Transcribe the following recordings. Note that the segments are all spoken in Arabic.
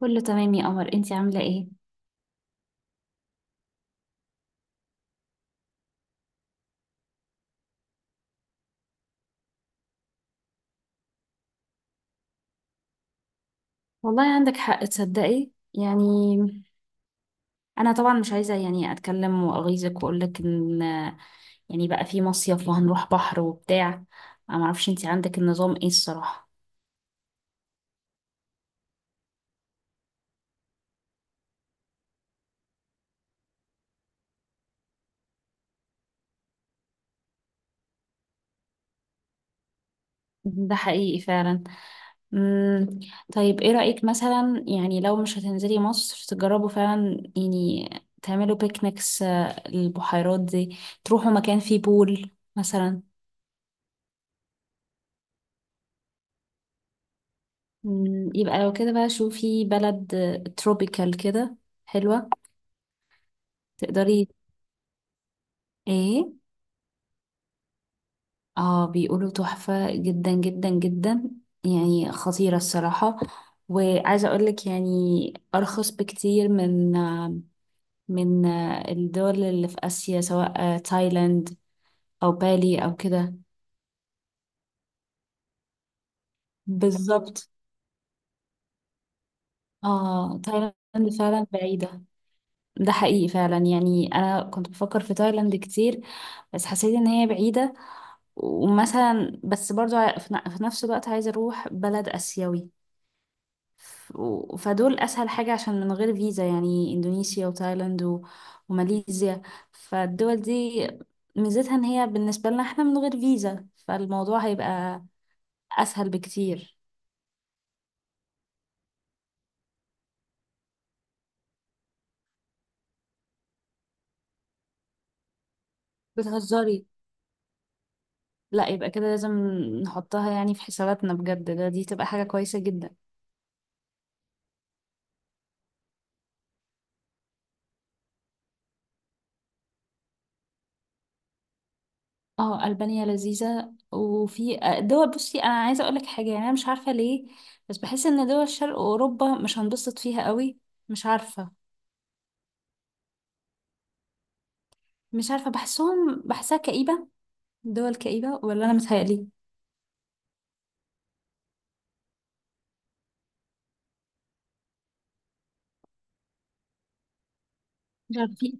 كله تمام يا قمر، انتي عاملة ايه؟ والله عندك حق تصدقي يعني. انا طبعا مش عايزة يعني اتكلم واغيظك واقولك ان يعني بقى في مصيف وهنروح بحر وبتاع. انا معرفش انتي عندك النظام ايه الصراحة. ده حقيقي فعلا. مم. طيب، ايه رأيك مثلا يعني لو مش هتنزلي مصر، تجربوا فعلا يعني تعملوا بيكنيكس البحيرات دي، تروحوا مكان فيه بول مثلا. يبقى لو كده بقى شوفي بلد تروبيكال كده حلوة. تقدري؟ ايه. اه، بيقولوا تحفة جدا جدا جدا، يعني خطيرة الصراحة. وعايزة اقولك يعني، ارخص بكتير من الدول اللي في اسيا، سواء تايلاند او بالي او كده. بالظبط. اه، تايلاند فعلا بعيدة. ده حقيقي فعلا، يعني انا كنت بفكر في تايلاند كتير، بس حسيت ان هي بعيدة. ومثلا بس برضو في نفس الوقت عايزة أروح بلد آسيوي. فدول أسهل حاجة، عشان من غير فيزا، يعني إندونيسيا وتايلاند وماليزيا. فالدول دي ميزتها إن هي بالنسبة لنا إحنا من غير فيزا، فالموضوع هيبقى أسهل بكتير. بتهزري؟ لا، يبقى كده لازم نحطها يعني في حساباتنا بجد، ده دي تبقى حاجة كويسة جدا. اه، ألبانيا لذيذة. وفي دول، بصي انا عايزة اقولك حاجة، يعني انا مش عارفة ليه، بس بحس ان دول شرق اوروبا مش هنبسط فيها قوي. مش عارفة. مش عارفة، بحسهم بحسها كئيبة. دول كئيبة، ولا انا متهيألي؟ مش عارفة في.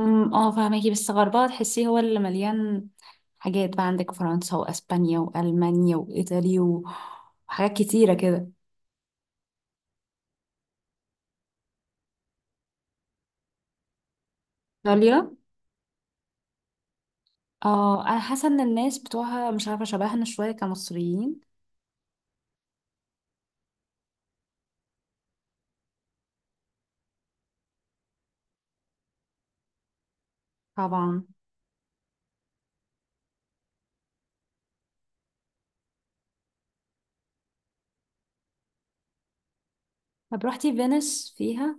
اه، فاهمكي بس غربها تحسيه هو اللي مليان حاجات، بقى عندك فرنسا واسبانيا والمانيا وايطاليا وحاجات كتيرة كده. ايطاليا. اه، انا حاسة ان الناس بتوعها مش عارفة شبهنا شوية كمصريين. طبعا. طب، روحتي فينيس فيها؟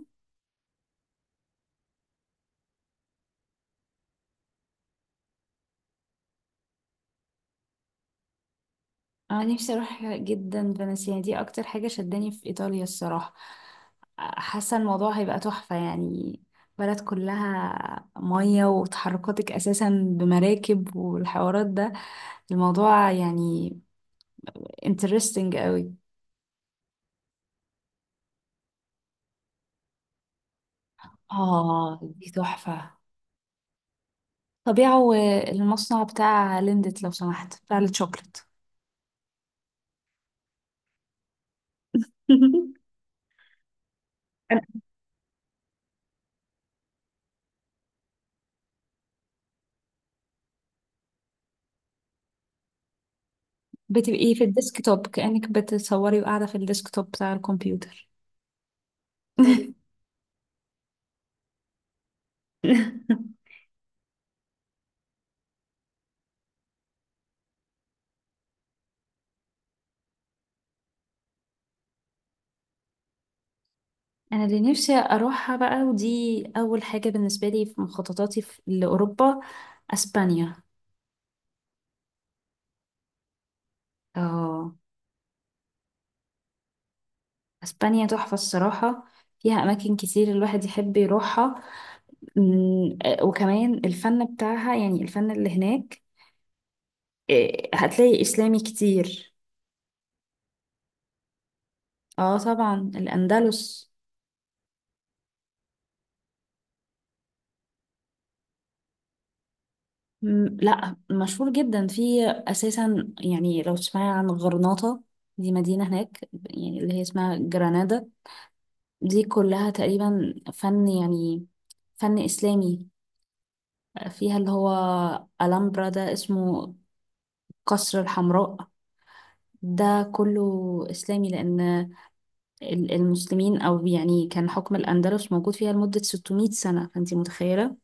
انا نفسي اروح جدا فينيسيا، يعني دي اكتر حاجة شداني في ايطاليا الصراحة. حاسة الموضوع هيبقى تحفة يعني. بلد كلها مية وتحركاتك اساسا بمراكب والحوارات ده، الموضوع يعني interesting قوي. اه، دي تحفة. طبيعة، والمصنع بتاع ليندت لو سمحت بتاع الشوكليت. بتبقي في الديسكتوب، كأنك بتصوري وقاعدة في الديسكتوب بتاع الكمبيوتر. انا اللي نفسي اروحها بقى، ودي اول حاجه بالنسبه لي في مخططاتي لاوروبا، اسبانيا. اه، اسبانيا تحفه الصراحه، فيها اماكن كتير الواحد يحب يروحها. أمم، آه، وكمان الفن بتاعها يعني الفن اللي هناك، هتلاقي اسلامي كتير. اه طبعا، الاندلس. لا، مشهور جدا في اساسا، يعني لو تسمعي عن غرناطه، دي مدينه هناك، يعني اللي هي اسمها جرانادا. دي كلها تقريبا فن، يعني فن إسلامي. فيها اللي هو ألامبرا، ده اسمه قصر الحمراء. ده كله إسلامي، لأن المسلمين، أو يعني كان حكم الأندلس موجود فيها لمدة 600 سنة، فأنتي متخيلة.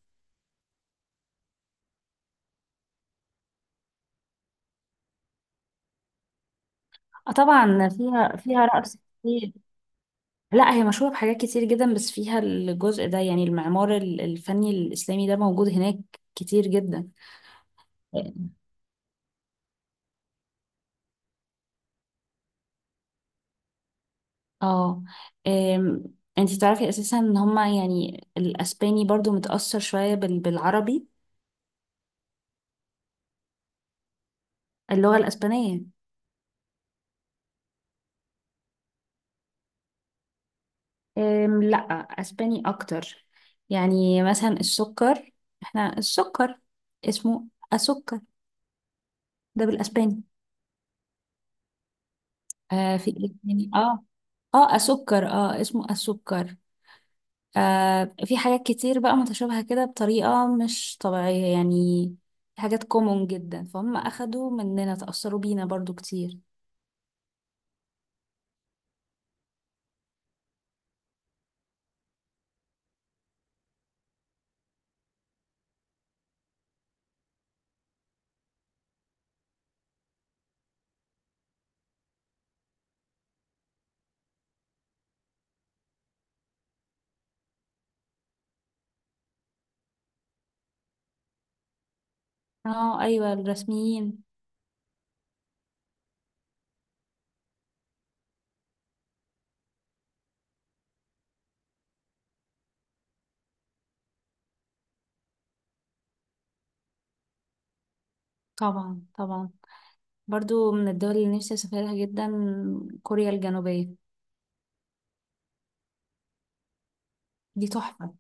آه طبعا، فيها رقص كتير. لا، هي مشهورة بحاجات كتير جدا، بس فيها الجزء ده، يعني المعمار الفني الإسلامي ده موجود هناك كتير جدا. اه، أم، انتي تعرفي اساسا ان هما يعني الاسباني برضو متأثر شوية بالعربي. اللغة الاسبانية. لا، اسباني اكتر. يعني مثلا السكر، احنا السكر اسمه اسكر، ده بالاسباني. آه، في إيه تاني؟ اه. اه اسكر، اه اسمه اسكر. آه، في حاجات كتير بقى متشابهة كده بطريقة مش طبيعية يعني. في حاجات كومون جدا، فهم اخدوا مننا، تأثروا بينا برضو كتير. اه ايوه، الرسميين. طبعا طبعا. برضو من الدول اللي نفسي اسافرها جدا، كوريا الجنوبية. دي تحفة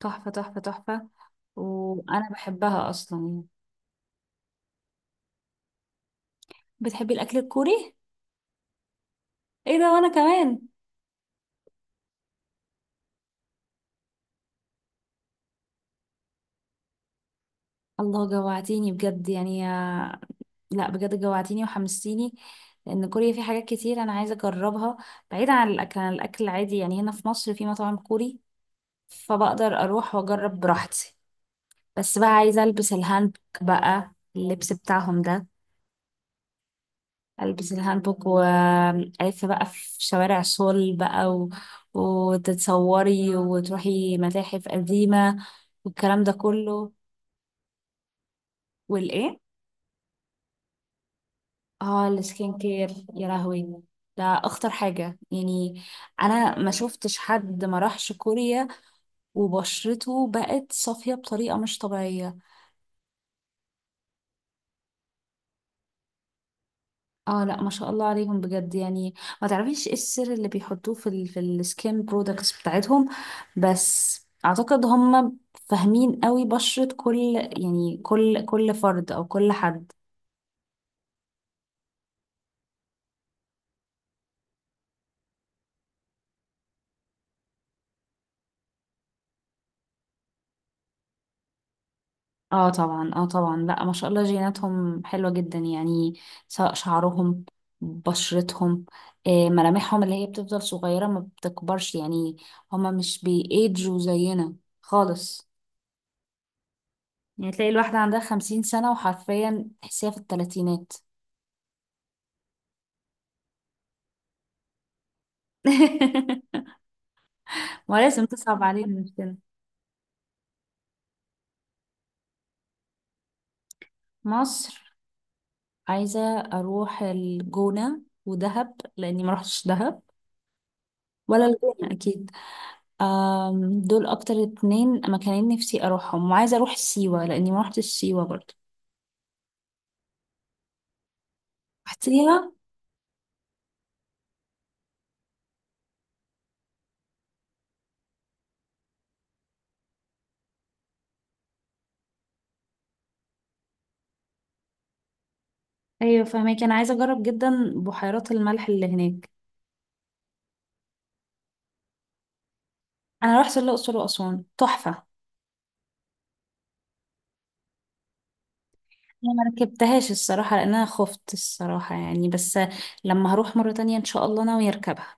تحفة تحفة تحفة. وانا بحبها اصلا يعني. بتحبي الاكل الكوري؟ ايه ده؟ وانا كمان. الله، جوعتيني بجد يعني لا بجد، جوعتيني وحمستيني. لان كوريا في حاجات كتير انا عايزة اجربها، بعيدا عن الاكل العادي. يعني هنا في مصر في مطاعم كوري، فبقدر اروح واجرب براحتي. بس بقى عايزة ألبس الهانبوك بقى، اللبس بتاعهم ده. ألبس الهانبوك وألف بقى في شوارع سول بقى وتتصوري وتروحي متاحف قديمة والكلام ده كله. والإيه؟ اه، السكين كير، يا لهوي. ده أخطر حاجة يعني. أنا ما شفتش حد ما راحش كوريا وبشرته بقت صافية بطريقة مش طبيعية. اه لا، ما شاء الله عليهم بجد يعني. ما تعرفيش ايه السر اللي بيحطوه في السكين برودكتس بتاعتهم. بس اعتقد هم فاهمين قوي بشرة كل، يعني كل فرد او كل حد. اه طبعا، اه طبعا، لا ما شاء الله، جيناتهم حلوة جدا يعني. سواء شعرهم، بشرتهم، ملامحهم اللي هي بتفضل صغيرة ما بتكبرش يعني. هما مش بيأجوا زينا خالص. يعني تلاقي الواحدة عندها 50 سنة وحرفيا تحسيها في التلاتينات. ما لازم تصعب علينا نفسنا. مصر. عايزة أروح الجونة ودهب لأني ما روحتش دهب، ولا الجونة أكيد. دول أكتر 2 مكانين نفسي أروحهم، وعايزة أروح سيوة لأني ما روحتش سيوة برضه. رحتيها؟ أيوة فهماكي، أنا عايزة أجرب جدا بحيرات الملح اللي هناك. أنا رحت الأقصر وأسوان تحفة. أنا ما ركبتهاش الصراحة، لأن أنا خفت الصراحة يعني، بس لما هروح مرة تانية إن شاء الله ناوية أركبها.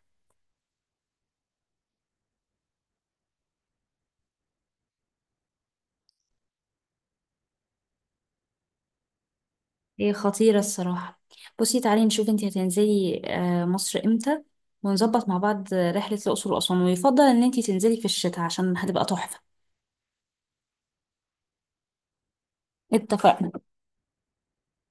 هي خطيرة الصراحة. بصي تعالي نشوف انتي هتنزلي مصر امتى، ونظبط مع بعض رحلة الأقصر وأسوان، ويفضل ان انتي تنزلي في الشتاء عشان هتبقى تحفة. اتفقنا.